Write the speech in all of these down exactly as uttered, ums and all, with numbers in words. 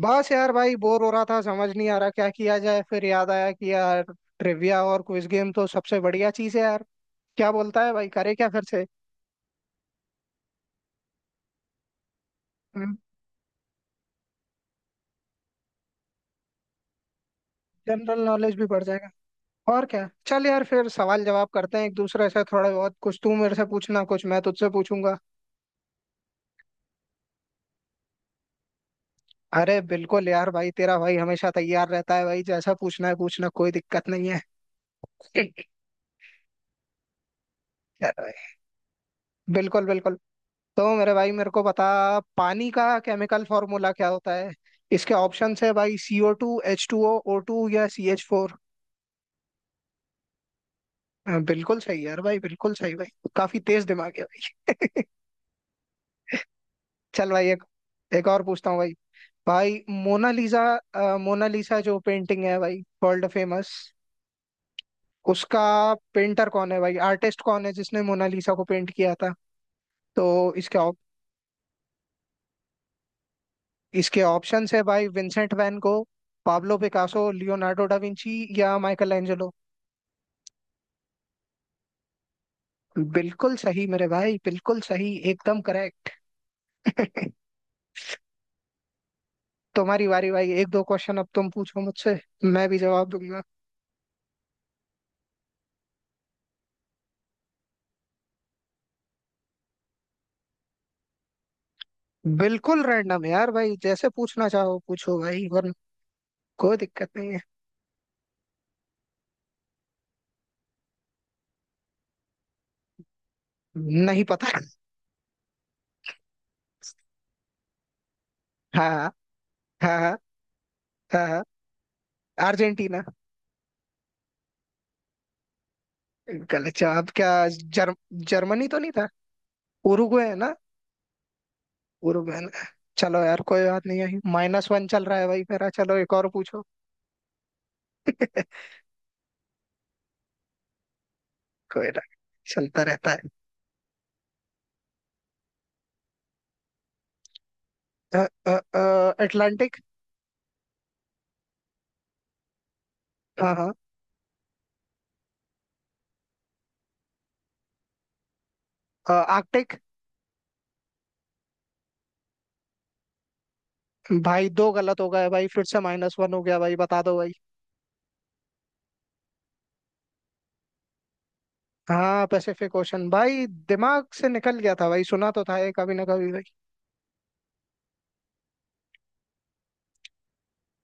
बस यार भाई बोर हो रहा था। समझ नहीं आ रहा क्या किया जाए। फिर याद आया कि यार ट्रिविया और क्विज गेम तो सबसे बढ़िया चीज है यार। क्या बोलता है भाई, करे क्या फिर से? जनरल नॉलेज भी बढ़ जाएगा। और क्या, चल यार फिर सवाल जवाब करते हैं एक दूसरे से। थोड़े बहुत कुछ तू मेरे से पूछना, कुछ मैं तुझसे पूछूंगा। अरे बिल्कुल यार भाई, तेरा भाई हमेशा तैयार रहता है भाई। जैसा पूछना है पूछना, कोई दिक्कत नहीं है। यार भाई, बिल्कुल बिल्कुल। तो मेरे भाई, मेरे को बता पानी का केमिकल फॉर्मूला क्या होता है? इसके ऑप्शन है भाई CO two, H two O, O two या सी एच फोर। बिल्कुल सही यार भाई, बिल्कुल सही भाई। काफी तेज दिमाग है भाई। चल भाई, एक एक और पूछता हूँ भाई। भाई मोनालिसा, अ, मोनालिसा जो पेंटिंग है भाई, वर्ल्ड फेमस। उसका पेंटर कौन है भाई? आर्टिस्ट कौन है जिसने मोनालिसा को पेंट किया था? तो इसके op- इसके ऑप्शंस है भाई Vincent van Gogh, Pablo Picasso, Leonardo da Vinci या माइकल एंजेलो। बिल्कुल सही मेरे भाई, बिल्कुल सही, एकदम करेक्ट। तुम्हारी बारी भाई, एक दो क्वेश्चन अब तुम पूछो मुझसे। मैं भी जवाब दूंगा। बिल्कुल रैंडम यार भाई, जैसे पूछना चाहो पूछो भाई, वरना कोई दिक्कत नहीं है। नहीं पता। हाँ हाँ हाँ हाँ हाँ। अर्जेंटीना। गलत जवाब क्या? जर्म जर्मनी तो नहीं था। उरुग्वे है ना? उरुग्वे है ना। चलो यार कोई बात नहीं है, माइनस वन चल रहा है भाई मेरा। चलो एक और पूछो। कोई ना, चलता रहता है। अटलांटिक। हाँ हाँ। आर्कटिक। भाई दो गलत हो गए भाई, फिर से माइनस वन हो गया भाई। बता दो भाई। हाँ, पैसिफिक ओशन भाई, दिमाग से निकल गया था भाई। सुना तो था ये कभी ना कभी भाई।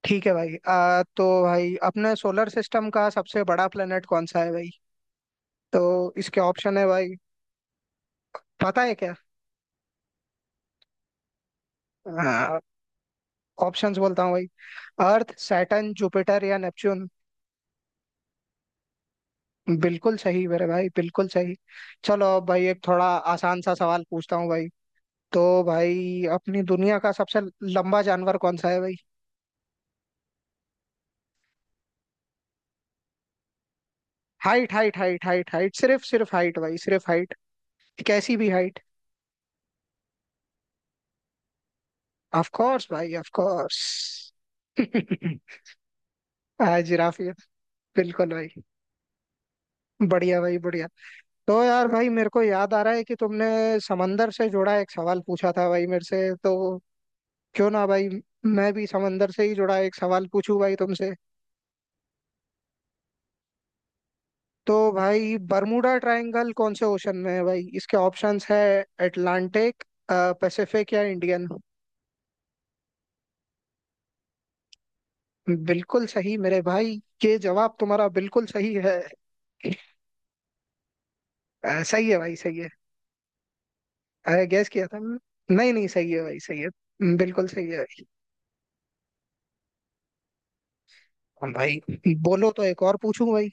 ठीक है भाई। आ, तो भाई अपने सोलर सिस्टम का सबसे बड़ा प्लेनेट कौन सा है भाई? तो इसके ऑप्शन है भाई, पता है क्या? हाँ, ऑप्शंस बोलता हूँ भाई। अर्थ, सैटर्न, जुपिटर या नेपच्यून। बिल्कुल सही मेरे भाई, बिल्कुल सही। चलो अब भाई एक थोड़ा आसान सा सवाल पूछता हूँ भाई। तो भाई, अपनी दुनिया का सबसे लंबा जानवर कौन सा है भाई? Height height height height height, सिर्फ सिर्फ हाइट भाई, सिर्फ हाइट। कैसी भी हाइट। ऑफ कोर्स भाई, ऑफ कोर्स। हाँ जिराफ ही है। बिल्कुल भाई। बढ़िया भाई, बढ़िया। तो यार भाई, मेरे को याद आ रहा है कि तुमने समंदर से जुड़ा एक सवाल पूछा था भाई मेरे से। तो क्यों ना भाई मैं भी समंदर से ही जुड़ा एक सवाल पूछूं भाई तुमसे। तो भाई, बर्मुडा ट्रायंगल कौन से ओशन में है भाई? इसके ऑप्शंस है अटलांटिक, पैसिफिक या इंडियन। बिल्कुल सही मेरे भाई। ये जवाब तुम्हारा बिल्कुल सही है। अ, सही है भाई, सही है। अरे गैस किया था मैंने। नहीं नहीं, सही है भाई, सही है। हम्म, बिल्कुल सही है भाई। हम भाई, बोलो तो एक और पूछूं भाई?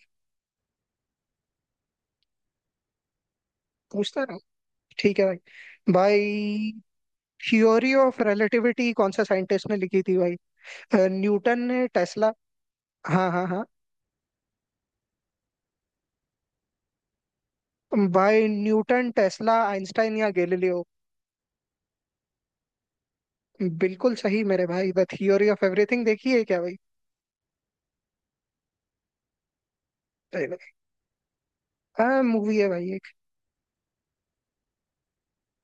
पूछता रहो। ठीक है भाई। भाई थ्योरी ऑफ रिलेटिविटी कौन सा साइंटिस्ट ने लिखी थी भाई? अ, न्यूटन ने, टेस्ला, हाँ हाँ हाँ। भाई न्यूटन, टेस्ला, आइंस्टाइन या गैलीलियो? बिल्कुल सही मेरे भाई। द थियोरी ऑफ एवरीथिंग देखी है क्या भाई? सही में। हाँ मूवी है भाई एक।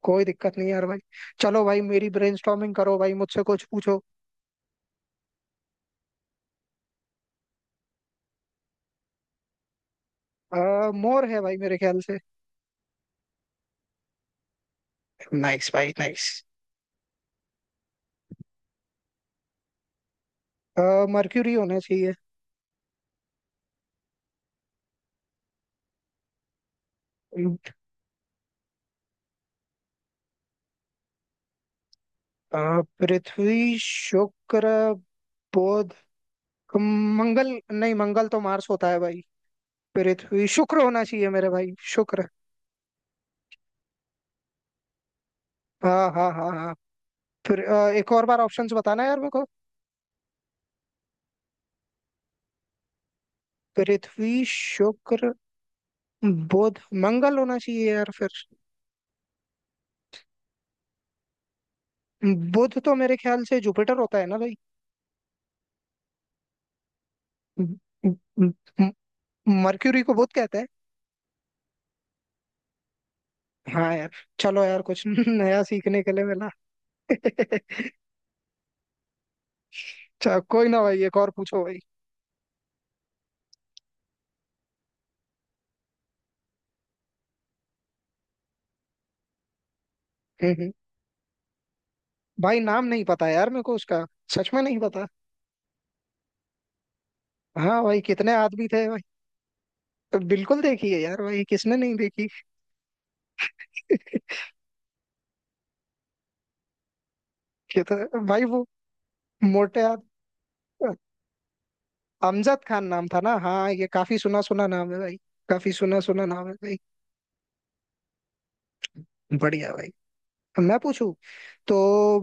कोई दिक्कत नहीं यार भाई। चलो भाई मेरी ब्रेनस्टॉर्मिंग करो भाई, मुझसे कुछ पूछो। आ, मोर है भाई मेरे ख्याल से। नाइस भाई, नाइस। मर्क्यूरी होना चाहिए। अ, पृथ्वी, शुक्र, बुध, मंगल। नहीं, मंगल तो मार्स होता है भाई। पृथ्वी शुक्र होना चाहिए मेरे भाई, शुक्र। हाँ हाँ हाँ हाँ। फिर अ, एक और बार ऑप्शंस बताना यार मेरे को। पृथ्वी, शुक्र, बुध, मंगल होना चाहिए यार फिर। बुध तो मेरे ख्याल से जुपिटर होता है ना भाई? म- म- म- मर्क्यूरी को बुध कहते हैं। हाँ यार। चलो यार कुछ नया सीखने के लिए मिला। चलो कोई ना भाई, एक और पूछो भाई। हम्म, हम्म। भाई नाम नहीं पता यार मेरे को उसका। सच में नहीं पता। हाँ भाई, कितने आदमी थे भाई? तो बिल्कुल देखी है यार भाई, किसने नहीं देखी। कितना भाई वो, मोटे आदमी। अमजद खान नाम था ना। हाँ ये काफी सुना सुना नाम है भाई। काफी सुना सुना नाम है भाई। बढ़िया भाई। अब मैं पूछूं। तो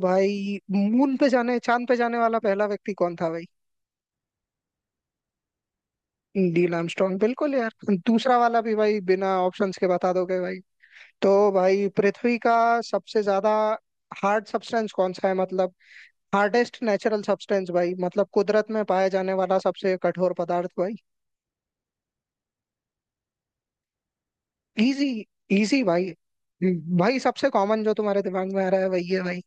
भाई मून पे जाने, चांद पे जाने वाला पहला व्यक्ति कौन था भाई? नील आर्मस्ट्रॉन्ग बिल्कुल यार। दूसरा वाला भी भाई बिना ऑप्शंस के बता दोगे भाई? तो भाई पृथ्वी का सबसे ज्यादा हार्ड सब्सटेंस कौन सा है, मतलब हार्डेस्ट नेचुरल सब्सटेंस भाई, मतलब कुदरत में पाया जाने वाला सबसे कठोर पदार्थ भाई। इजी। इजी भाई। भाई सबसे कॉमन जो तुम्हारे दिमाग में आ रहा है वही है भाई।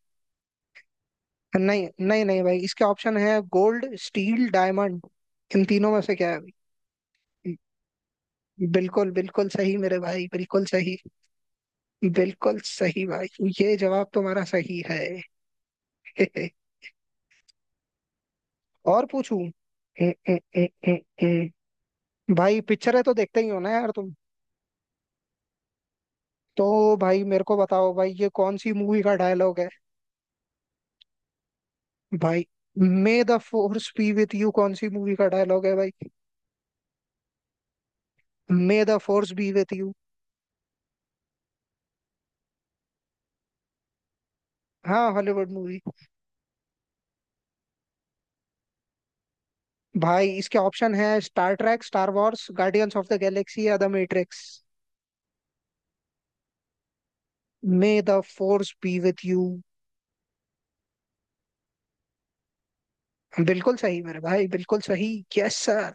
नहीं नहीं नहीं भाई, इसके ऑप्शन है गोल्ड, स्टील, डायमंड। इन तीनों में से क्या है भाई? बिल्कुल, बिल्कुल सही मेरे भाई, बिल्कुल सही। बिल्कुल सही भाई। ये जवाब तुम्हारा सही है। और पूछूं? ए, ए, ए, ए, ए। भाई पिक्चरें तो देखते ही हो ना यार तुम? तो भाई मेरे को बताओ भाई ये कौन सी मूवी का डायलॉग है भाई। May the force be with you कौन सी मूवी का डायलॉग है भाई? May the force be with you. हाँ, हॉलीवुड मूवी। भाई इसके ऑप्शन है Star Trek, Star Wars, Guardians of the Galaxy या the Matrix. May the force be with you. बिल्कुल सही मेरे भाई, बिल्कुल सही। Yes sir.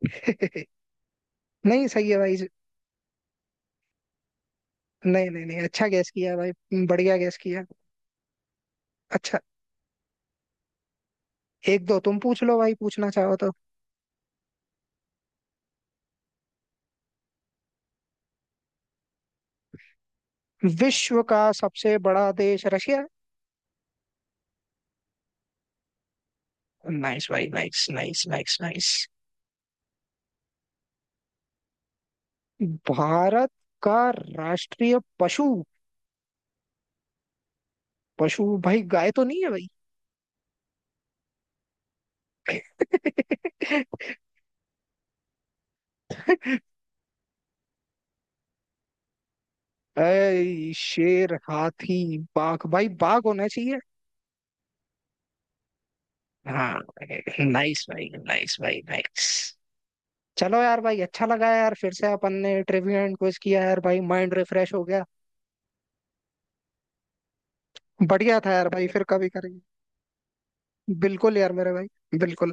नहीं, सही है भाई। नहीं नहीं नहीं, अच्छा गैस किया भाई, बढ़िया गैस किया। अच्छा। एक दो तुम पूछ लो भाई पूछना चाहो तो। विश्व का सबसे बड़ा देश रशिया। नाइस भाई, nice nice nice nice. Bharat का राष्ट्रीय पशु। पशु भाई, गाय तो नहीं है भाई? ऐ, शेर हाथी बाघ भाई, बाघ होना चाहिए। हाँ। नाइस भाई, नाइस भाई, नाइस। चलो यार भाई, अच्छा लगा यार फिर से अपन ने ट्रिविया एंड क्विज किया यार भाई, माइंड रिफ्रेश हो गया। बढ़िया था यार भाई, फिर कभी करेंगे। बिल्कुल यार मेरे भाई, बिल्कुल।